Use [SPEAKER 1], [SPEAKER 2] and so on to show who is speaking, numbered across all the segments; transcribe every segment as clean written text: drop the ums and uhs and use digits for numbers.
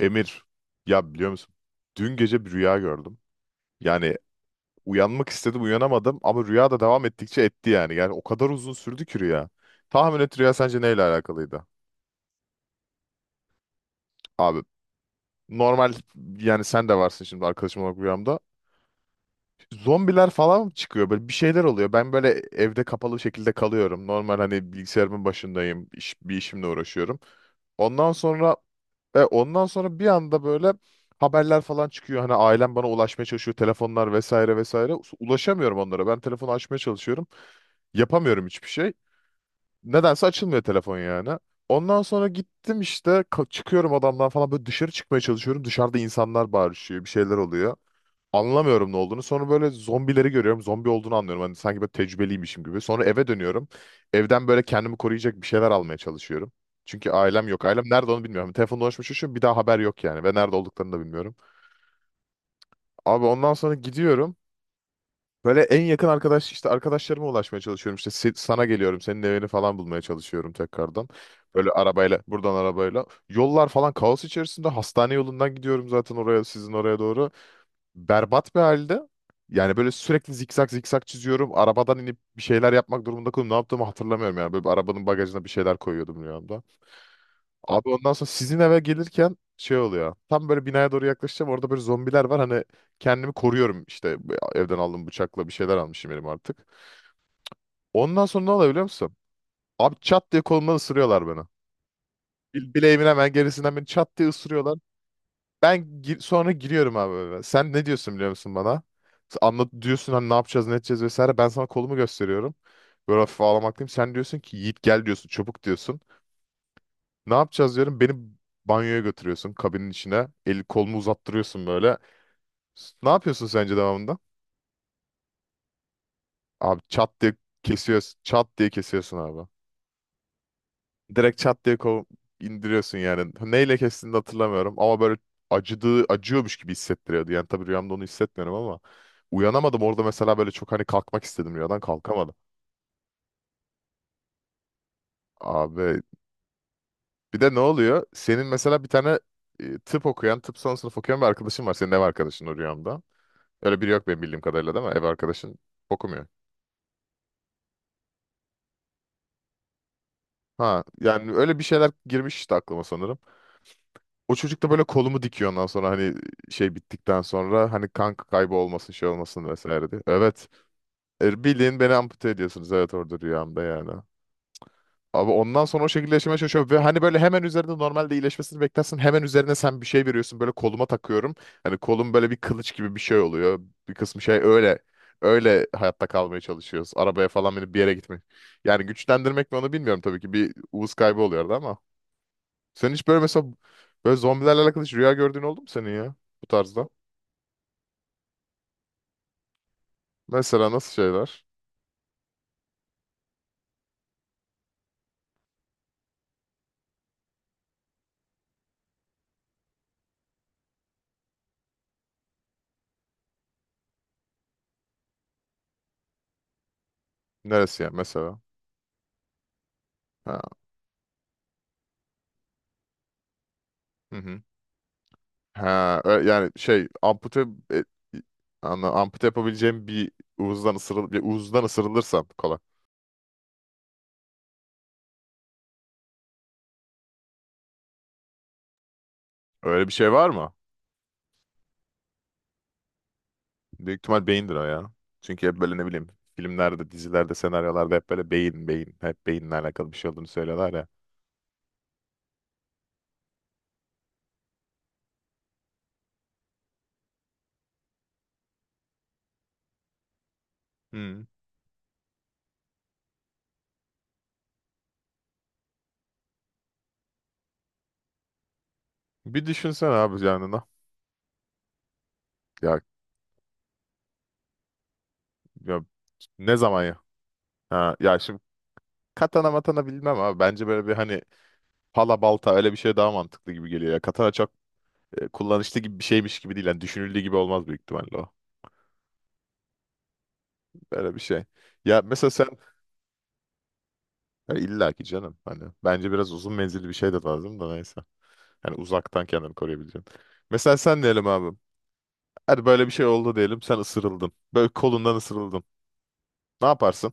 [SPEAKER 1] Emir, ya biliyor musun? Dün gece bir rüya gördüm. Yani uyanmak istedim, uyanamadım ama rüya da devam ettikçe etti yani. Yani o kadar uzun sürdü ki rüya. Tahmin et, rüya sence neyle alakalıydı? Abi normal, yani sen de varsın şimdi arkadaşım olarak rüyamda. Zombiler falan çıkıyor, böyle bir şeyler oluyor. Ben böyle evde kapalı şekilde kalıyorum. Normal, hani bilgisayarımın başındayım, iş, bir işimle uğraşıyorum. Ondan sonra Ve ondan sonra bir anda böyle haberler falan çıkıyor. Hani ailem bana ulaşmaya çalışıyor. Telefonlar vesaire vesaire. Ulaşamıyorum onlara. Ben telefonu açmaya çalışıyorum. Yapamıyorum hiçbir şey. Nedense açılmıyor telefon yani. Ondan sonra gittim işte, çıkıyorum adamdan falan, böyle dışarı çıkmaya çalışıyorum. Dışarıda insanlar bağırışıyor. Bir şeyler oluyor. Anlamıyorum ne olduğunu. Sonra böyle zombileri görüyorum. Zombi olduğunu anlıyorum. Hani sanki böyle tecrübeliymişim gibi. Sonra eve dönüyorum. Evden böyle kendimi koruyacak bir şeyler almaya çalışıyorum. Çünkü ailem yok. Ailem nerede onu bilmiyorum. Telefonda konuşmuş şu, bir daha haber yok yani. Ve nerede olduklarını da bilmiyorum. Abi ondan sonra gidiyorum. Böyle en yakın arkadaş işte, arkadaşlarıma ulaşmaya çalışıyorum. İşte sana geliyorum. Senin evini falan bulmaya çalışıyorum tekrardan. Böyle arabayla buradan, arabayla. Yollar falan kaos içerisinde. Hastane yolundan gidiyorum zaten oraya, sizin oraya doğru, berbat bir halde. Yani böyle sürekli zikzak zikzak çiziyorum. Arabadan inip bir şeyler yapmak durumunda kalıyorum. Ne yaptığımı hatırlamıyorum yani. Böyle bir arabanın bagajına bir şeyler koyuyordum rüyamda. Abi ondan sonra sizin eve gelirken şey oluyor. Tam böyle binaya doğru yaklaşacağım. Orada böyle zombiler var. Hani kendimi koruyorum işte, evden aldığım bıçakla bir şeyler almışım elim artık. Ondan sonra ne oluyor biliyor musun? Abi çat diye kolumdan ısırıyorlar beni. Bileğimin hemen gerisinden beni çat diye ısırıyorlar. Ben sonra giriyorum abi eve. Sen ne diyorsun biliyor musun bana? Sen "anlat" diyorsun, hani "ne yapacağız, ne edeceğiz" vesaire. Ben sana kolumu gösteriyorum. Böyle hafif ağlamaklıyım. Sen diyorsun ki, "Yiğit gel" diyorsun, "çabuk" diyorsun. "Ne yapacağız?" diyorum. Beni banyoya götürüyorsun, kabinin içine. El kolumu uzattırıyorsun böyle. Ne yapıyorsun sence devamında? Abi çat diye kesiyorsun. Çat diye kesiyorsun abi. Direkt çat diye indiriyorsun yani. Neyle kestiğini de hatırlamıyorum ama böyle acıyormuş gibi hissettiriyordu. Yani tabii rüyamda onu hissetmiyorum ama uyanamadım orada mesela, böyle çok hani kalkmak istedim rüyadan, kalkamadım. Abi bir de ne oluyor? Senin mesela bir tane tıp son sınıf okuyan bir arkadaşın var. Senin ev arkadaşın o rüyamda. Öyle biri yok benim bildiğim kadarıyla, değil mi? Ev arkadaşın okumuyor. Ha, yani öyle bir şeyler girmiş işte aklıma sanırım. O çocuk da böyle kolumu dikiyor, ondan sonra hani şey bittikten sonra, hani kan kaybı olmasın, şey olmasın vesaire diye. Evet. Bildiğin beni ampute ediyorsunuz, evet, orada rüyamda yani. Abi ondan sonra o şekilde yaşamaya çalışıyorum ve hani böyle hemen üzerinde normalde iyileşmesini beklersin. Hemen üzerine sen bir şey veriyorsun, böyle koluma takıyorum. Hani kolum böyle bir kılıç gibi bir şey oluyor. Bir kısmı şey, öyle öyle hayatta kalmaya çalışıyoruz. Arabaya falan binip bir yere gitmek. Yani güçlendirmek mi onu bilmiyorum tabii ki. Bir uğuz kaybı oluyordu ama. Sen hiç böyle mesela, böyle zombilerle alakalı hiç rüya gördüğün oldu mu senin ya? Bu tarzda. Mesela nasıl şeyler? Neresi ya mesela? Ha. Hı hı. Ha, yani şey e, ampute yapabileceğim bir, uzdan ısırıl bir uzdan ısırılırsam kolay. Öyle bir şey var mı? Büyük ihtimal beyindir o ya. Çünkü hep böyle ne bileyim, filmlerde, dizilerde, senaryolarda hep böyle beyin, beyin, hep beyinle alakalı bir şey olduğunu söylüyorlar ya. Hı. Bir düşünsene abi yanına. Ya, ya ne zaman ya? Ha, ya şimdi katana matana bilmem abi. Bence böyle bir hani pala balta, öyle bir şey daha mantıklı gibi geliyor ya. Katana çok kullanışlı gibi bir şeymiş gibi değil. Yani düşünüldüğü gibi olmaz büyük ihtimalle o. Böyle bir şey. Ya mesela sen ya illa ki canım, hani bence biraz uzun menzilli bir şey de lazım da neyse. Yani uzaktan kendini koruyabileceksin. Mesela sen diyelim abi. Hadi böyle bir şey oldu diyelim. Sen ısırıldın. Böyle kolundan ısırıldın. Ne yaparsın?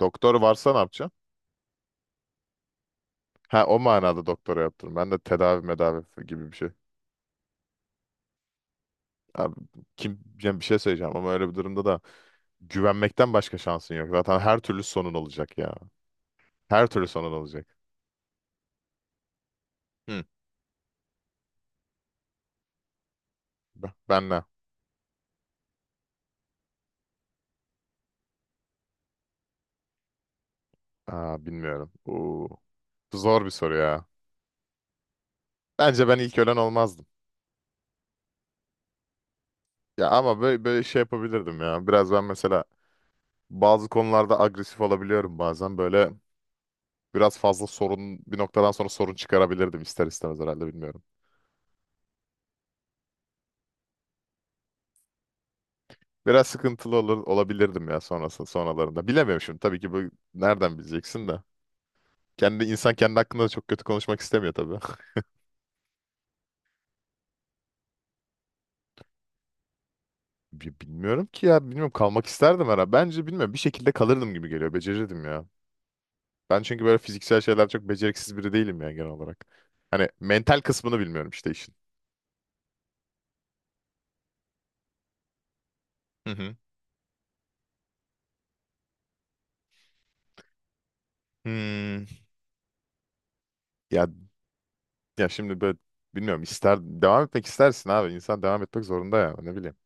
[SPEAKER 1] Doktor varsa ne yapacaksın? Ha, o manada doktora yaptırım. Ben de tedavi medavi gibi bir şey. Abi kim, yani bir şey söyleyeceğim ama öyle bir durumda da güvenmekten başka şansın yok. Zaten her türlü sonun olacak ya. Her türlü sonun olacak. Hı. Ben ne? Aa, bilmiyorum. Oo, zor bir soru ya. Bence ben ilk ölen olmazdım. Ya ama böyle şey yapabilirdim ya. Biraz ben mesela bazı konularda agresif olabiliyorum bazen. Böyle biraz fazla sorun, bir noktadan sonra sorun çıkarabilirdim ister istemez herhalde, bilmiyorum. Biraz sıkıntılı olabilirdim ya sonralarında. Bilemiyorum şimdi tabii ki bu, nereden bileceksin de. Kendi insan kendi hakkında da çok kötü konuşmak istemiyor tabii. Bilmiyorum ki ya, bilmiyorum, kalmak isterdim herhalde. Bence bilmiyorum, bir şekilde kalırdım gibi geliyor. Becerirdim ya. Ben çünkü böyle fiziksel şeyler çok beceriksiz biri değilim ya genel olarak. Hani mental kısmını bilmiyorum işte işin. Hı hı. Hmm. Ya ya şimdi böyle bilmiyorum, ister devam etmek istersin abi. İnsan devam etmek zorunda ya, ne bileyim.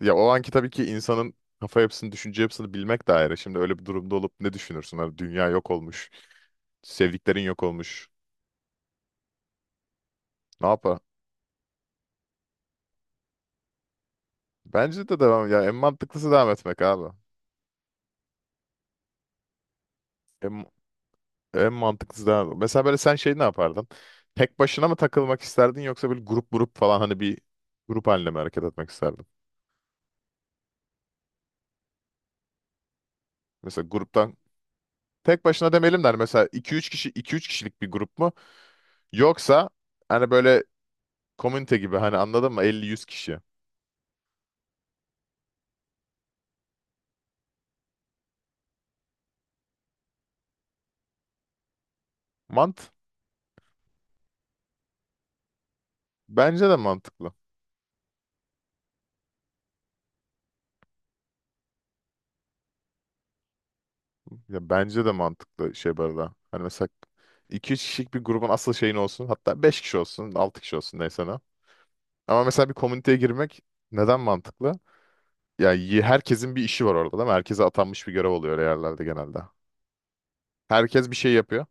[SPEAKER 1] Ya o anki tabii ki insanın kafa yapısını, düşünce yapısını bilmek de ayrı. Şimdi öyle bir durumda olup ne düşünürsün? Hani dünya yok olmuş. Sevdiklerin yok olmuş. Ne yapar? Bence de devam, ya en mantıklısı devam etmek abi. En En mantıklısı da, mesela böyle sen şey ne yapardın? Tek başına mı takılmak isterdin, yoksa böyle grup grup falan, hani bir grup halinde mi hareket etmek isterdin? Mesela gruptan tek başına demeyelim de, hani mesela 2-3 kişi, 2-3 kişilik bir grup mu? Yoksa hani böyle komünite gibi, hani, anladın mı? 50-100 kişi. Mant Bence de mantıklı. Ya bence de mantıklı şey bu arada. Hani mesela iki üç kişilik bir grubun asıl şeyin olsun. Hatta 5 kişi olsun, 6 kişi olsun, neyse ne. Ama mesela bir komüniteye girmek neden mantıklı? Yani herkesin bir işi var orada, değil mi? Herkese atanmış bir görev oluyor yerlerde genelde. Herkes bir şey yapıyor.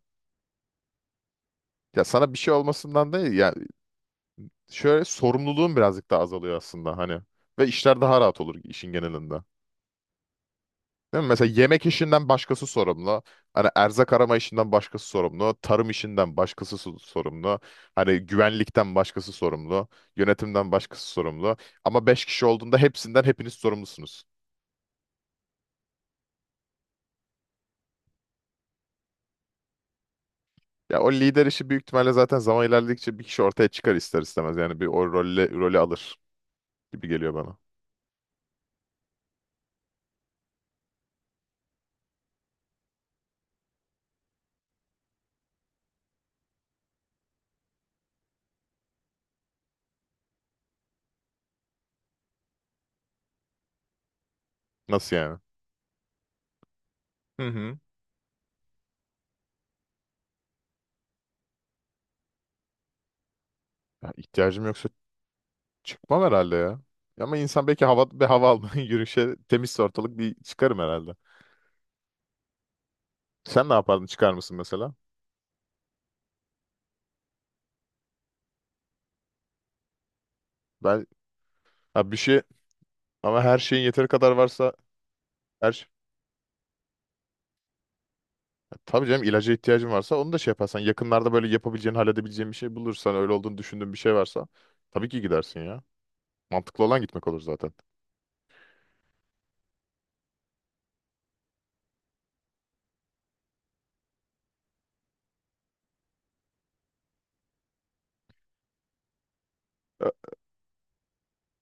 [SPEAKER 1] Ya sana bir şey olmasından değil ya, şöyle sorumluluğun birazcık daha azalıyor aslında hani. Ve işler daha rahat olur işin genelinde. Değil mi? Mesela yemek işinden başkası sorumlu. Hani erzak arama işinden başkası sorumlu. Tarım işinden başkası sorumlu. Hani güvenlikten başkası sorumlu. Yönetimden başkası sorumlu. Ama 5 kişi olduğunda hepiniz sorumlusunuz. Ya o lider işi büyük ihtimalle zaten zaman ilerledikçe bir kişi ortaya çıkar ister istemez. Yani bir o rolü alır gibi geliyor bana. Nasıl yani? Hı hı. Ya ihtiyacım yoksa çıkmam herhalde ya. Ama insan belki hava, bir hava almaya yürüyüşe, temizse ortalık, bir çıkarım herhalde. Sen ne yapardın? Çıkar mısın mesela? Ben ha bir şey ama her şeyin yeteri kadar varsa, her şey. Ya tabii canım, ilaca ihtiyacın varsa onu da şey yaparsan, yakınlarda böyle yapabileceğin, halledebileceğin bir şey bulursan, öyle olduğunu düşündüğün bir şey varsa tabii ki gidersin ya. Mantıklı olan gitmek olur zaten.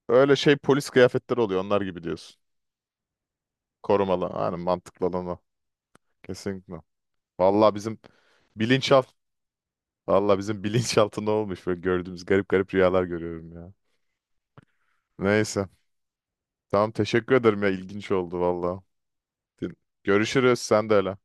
[SPEAKER 1] Öyle şey, polis kıyafetleri oluyor onlar gibi diyorsun. Korumalı. Yani mantıklı olan o. Kesinlikle. Vallahi bizim bilinçaltı Vallahi bizim bilinçaltında olmuş böyle gördüğümüz garip garip rüyalar görüyorum ya. Neyse. Tamam, teşekkür ederim ya, ilginç oldu vallahi. Görüşürüz, sen de öyle.